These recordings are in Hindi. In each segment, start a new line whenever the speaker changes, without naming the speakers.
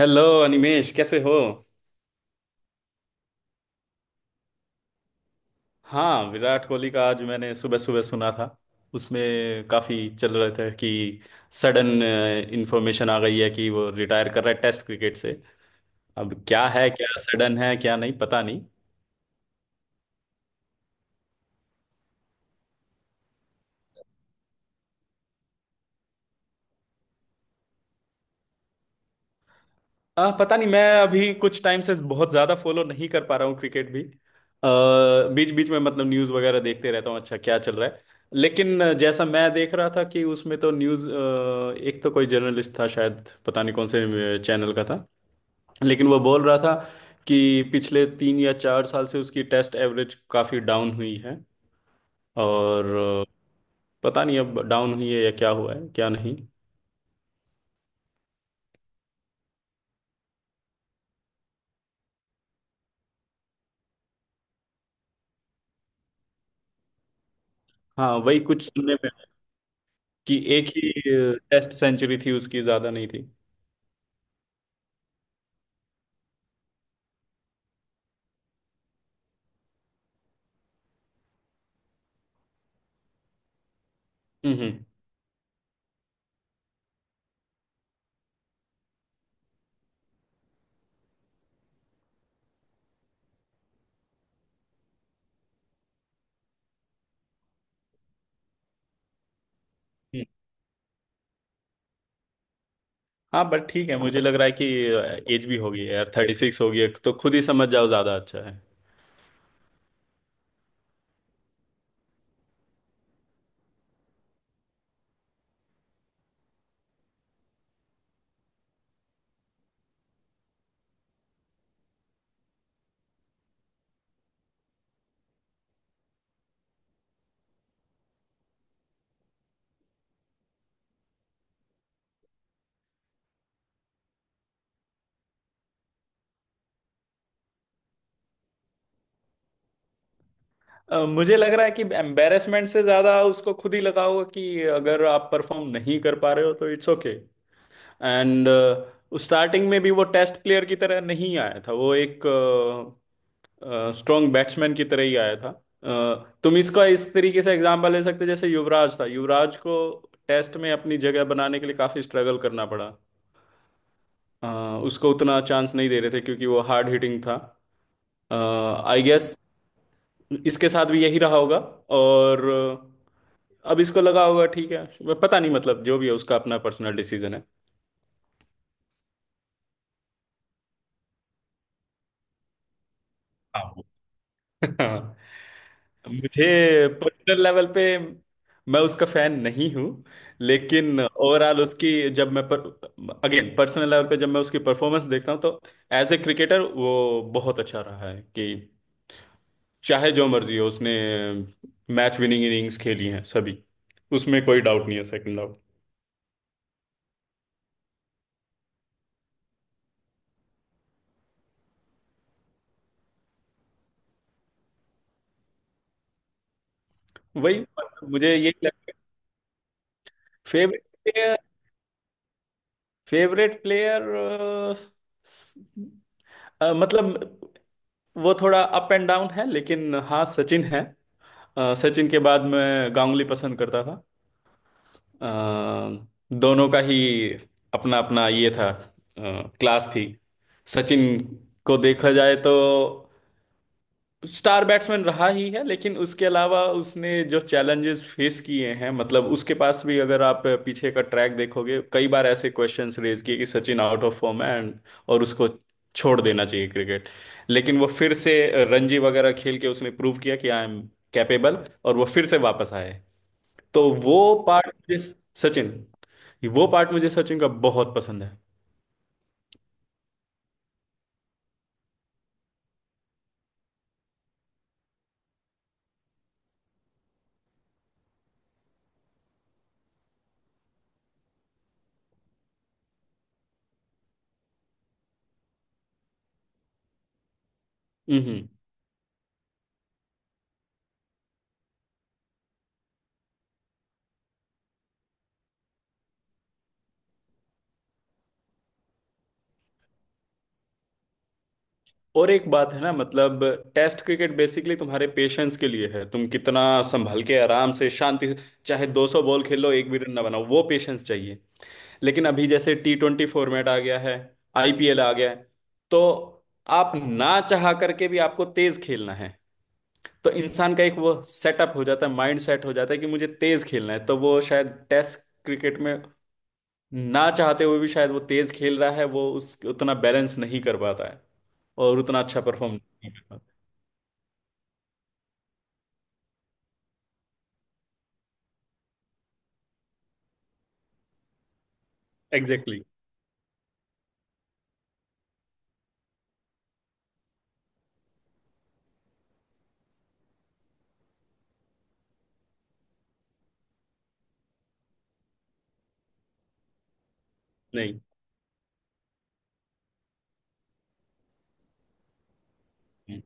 हेलो अनिमेश, कैसे हो। हाँ, विराट कोहली का आज मैंने सुबह सुबह सुना था। उसमें काफ़ी चल रहे थे कि सडन इंफॉर्मेशन आ गई है कि वो रिटायर कर रहा है टेस्ट क्रिकेट से। अब क्या है, क्या सडन है क्या नहीं, पता नहीं। पता नहीं, मैं अभी कुछ टाइम से बहुत ज्यादा फॉलो नहीं कर पा रहा हूँ क्रिकेट भी। बीच बीच में मतलब न्यूज वगैरह देखते रहता हूँ, अच्छा क्या चल रहा है। लेकिन जैसा मैं देख रहा था कि उसमें तो न्यूज, एक तो कोई जर्नलिस्ट था शायद, पता नहीं कौन से चैनल का था, लेकिन वो बोल रहा था कि पिछले 3 या 4 साल से उसकी टेस्ट एवरेज काफी डाउन हुई है। और अ, पता नहीं अब डाउन हुई है या क्या हुआ है क्या नहीं। हाँ, वही कुछ सुनने में आया कि एक ही टेस्ट सेंचुरी थी उसकी, ज्यादा नहीं थी। हम्म, हाँ, बट ठीक है, मुझे लग रहा है कि एज भी होगी यार, 36 होगी तो खुद ही समझ जाओ, ज्यादा अच्छा है। मुझे लग रहा है कि एम्बेरसमेंट से ज्यादा उसको खुद ही लगा होगा कि अगर आप परफॉर्म नहीं कर पा रहे हो तो इट्स ओके। एंड स्टार्टिंग में भी वो टेस्ट प्लेयर की तरह नहीं आया था, वो एक स्ट्रॉन्ग बैट्समैन की तरह ही आया था। तुम इसका इस तरीके से एग्जाम्पल ले सकते हो, जैसे युवराज था, युवराज को टेस्ट में अपनी जगह बनाने के लिए काफी स्ट्रगल करना पड़ा। उसको उतना चांस नहीं दे रहे थे क्योंकि वो हार्ड हिटिंग था। आई गेस इसके साथ भी यही रहा होगा। और अब इसको लगा होगा ठीक है, पता नहीं, मतलब जो भी है उसका अपना पर्सनल डिसीजन है। हाँ। हाँ। मुझे पर्सनल लेवल पे, मैं उसका फैन नहीं हूँ। लेकिन ओवरऑल उसकी, जब मैं अगेन पर्सनल लेवल पे जब मैं उसकी परफॉर्मेंस देखता हूँ, तो एज ए क्रिकेटर वो बहुत अच्छा रहा है कि चाहे जो मर्जी हो उसने मैच विनिंग इनिंग्स खेली हैं सभी, उसमें कोई डाउट नहीं है, सेकंड डाउट। वही, मतलब मुझे यही लगता है। फेवरेट प्लेयर, फेवरेट प्लेयर, मतलब वो थोड़ा अप एंड डाउन है, लेकिन हाँ सचिन है। सचिन के बाद मैं गांगुली पसंद करता था। अ, दोनों का ही अपना अपना ये था। अ, क्लास थी। सचिन को देखा जाए तो स्टार बैट्समैन रहा ही है, लेकिन उसके अलावा उसने जो चैलेंजेस फेस किए हैं, मतलब उसके पास भी अगर आप पीछे का ट्रैक देखोगे, कई बार ऐसे क्वेश्चंस रेज किए कि सचिन आउट ऑफ फॉर्म है एंड और उसको छोड़ देना चाहिए क्रिकेट। लेकिन वो फिर से रणजी वगैरह खेल के उसने प्रूव किया कि आई एम कैपेबल, और वो फिर से वापस आए। तो वो पार्ट मुझे सचिन वो पार्ट मुझे सचिन का बहुत पसंद है। हम्म और एक बात है ना, मतलब टेस्ट क्रिकेट बेसिकली तुम्हारे पेशेंस के लिए है, तुम कितना संभल के आराम से शांति से चाहे 200 बॉल खेलो एक भी रन ना बनाओ, वो पेशेंस चाहिए। लेकिन अभी जैसे T20 फॉर्मेट आ गया है, IPL आ गया है, तो आप ना चाह करके भी आपको तेज खेलना है। तो इंसान का एक वो सेटअप हो जाता है, माइंड सेट हो जाता है कि मुझे तेज खेलना है, तो वो शायद टेस्ट क्रिकेट में ना चाहते हुए भी शायद वो तेज खेल रहा है, वो उस उतना बैलेंस नहीं कर पाता है। और उतना अच्छा परफॉर्म नहीं कर पाता। Exactly exactly. नहीं, नहीं।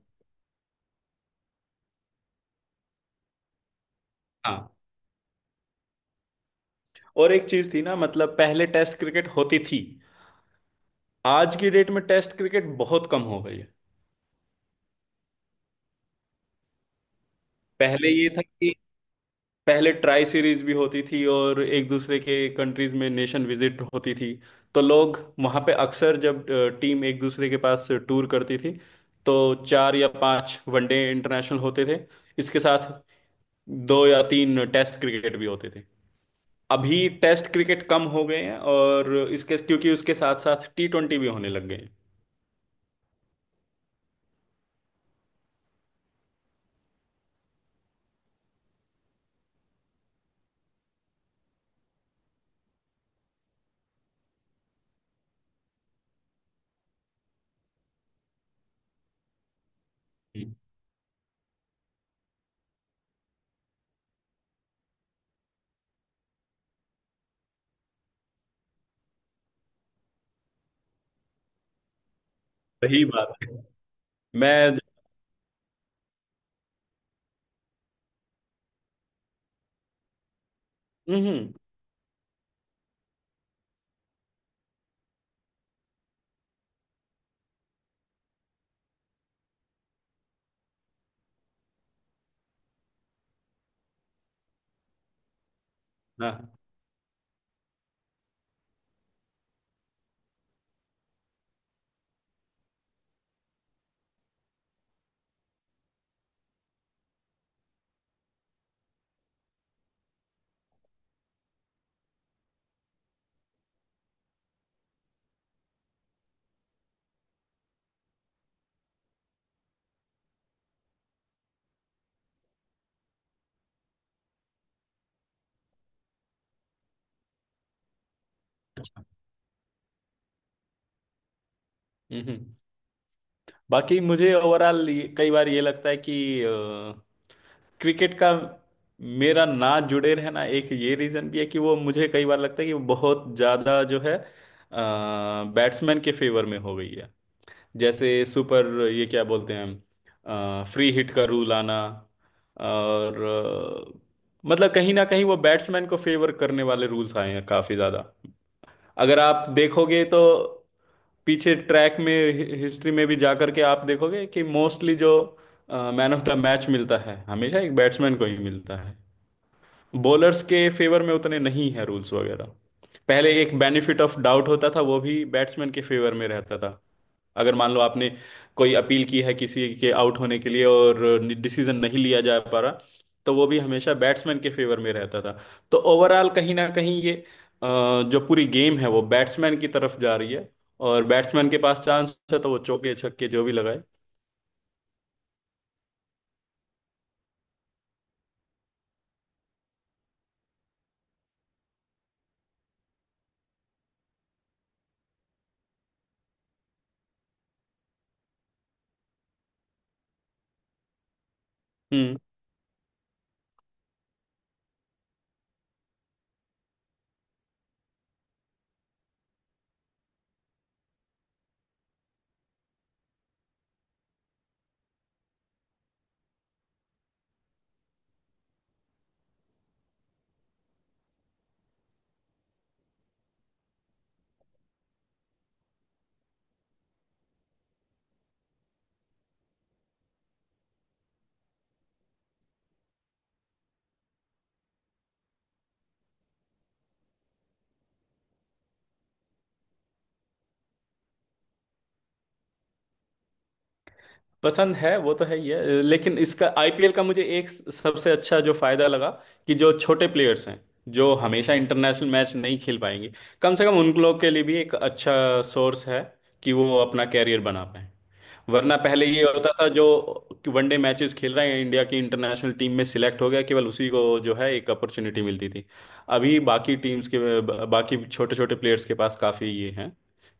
हाँ, और एक चीज थी ना, मतलब पहले टेस्ट क्रिकेट होती थी, आज की डेट में टेस्ट क्रिकेट बहुत कम हो गई है। पहले ये था कि पहले ट्राई सीरीज भी होती थी, और एक दूसरे के कंट्रीज में नेशन विजिट होती थी। तो लोग वहाँ पे अक्सर, जब टीम एक दूसरे के पास टूर करती थी, तो 4 या 5 वनडे इंटरनेशनल होते थे, इसके साथ 2 या 3 टेस्ट क्रिकेट भी होते थे। अभी टेस्ट क्रिकेट कम हो गए हैं, और इसके क्योंकि उसके साथ साथ T20 भी होने लग गए हैं। हम्म। सही बात है। मैं। हम्म, हम्म। हाँ। अच्छा। हम्म, बाकी मुझे ओवरऑल कई बार ये लगता है कि क्रिकेट का मेरा ना जुड़े रहना एक ये रीजन भी है कि वो, मुझे कई बार लगता है कि वो बहुत ज्यादा जो है बैट्समैन के फेवर में हो गई है। जैसे सुपर, ये क्या बोलते हैं, फ्री हिट का रूल आना, और मतलब कहीं ना कहीं वो बैट्समैन को फेवर करने वाले रूल्स आए हैं काफी ज्यादा। अगर आप देखोगे तो पीछे ट्रैक में, हिस्ट्री में भी जा करके आप देखोगे कि मोस्टली जो मैन ऑफ द मैच मिलता है हमेशा एक बैट्समैन को ही मिलता है। बॉलर्स के फेवर में उतने नहीं है रूल्स वगैरह। पहले एक बेनिफिट ऑफ डाउट होता था, वो भी बैट्समैन के फेवर में रहता था। अगर मान लो आपने कोई अपील की है किसी के आउट होने के लिए और डिसीजन नहीं लिया जा पा रहा, तो वो भी हमेशा बैट्समैन के फेवर में रहता था। तो ओवरऑल कहीं ना कहीं ये, जो पूरी गेम है वो बैट्समैन की तरफ जा रही है। और बैट्समैन के पास चांस है तो वो चौके छक्के जो भी लगाए। हम्म। पसंद है वो तो है ही है, लेकिन इसका IPL का मुझे एक सबसे अच्छा जो फायदा लगा कि जो छोटे प्लेयर्स हैं जो हमेशा इंटरनेशनल मैच नहीं खेल पाएंगे, कम से कम उन लोग के लिए भी एक अच्छा सोर्स है कि वो अपना कैरियर बना पाए। वरना पहले ये होता था जो वनडे मैचेस खेल रहे हैं इंडिया की इंटरनेशनल टीम में सिलेक्ट हो गया, केवल उसी को जो है एक अपॉर्चुनिटी मिलती थी। अभी बाकी टीम्स के, बाकी छोटे छोटे प्लेयर्स के पास काफी ये हैं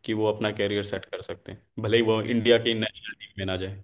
कि वो अपना कैरियर सेट कर सकते हैं, भले ही वो इंडिया की नेशनल टीम में ना जाए।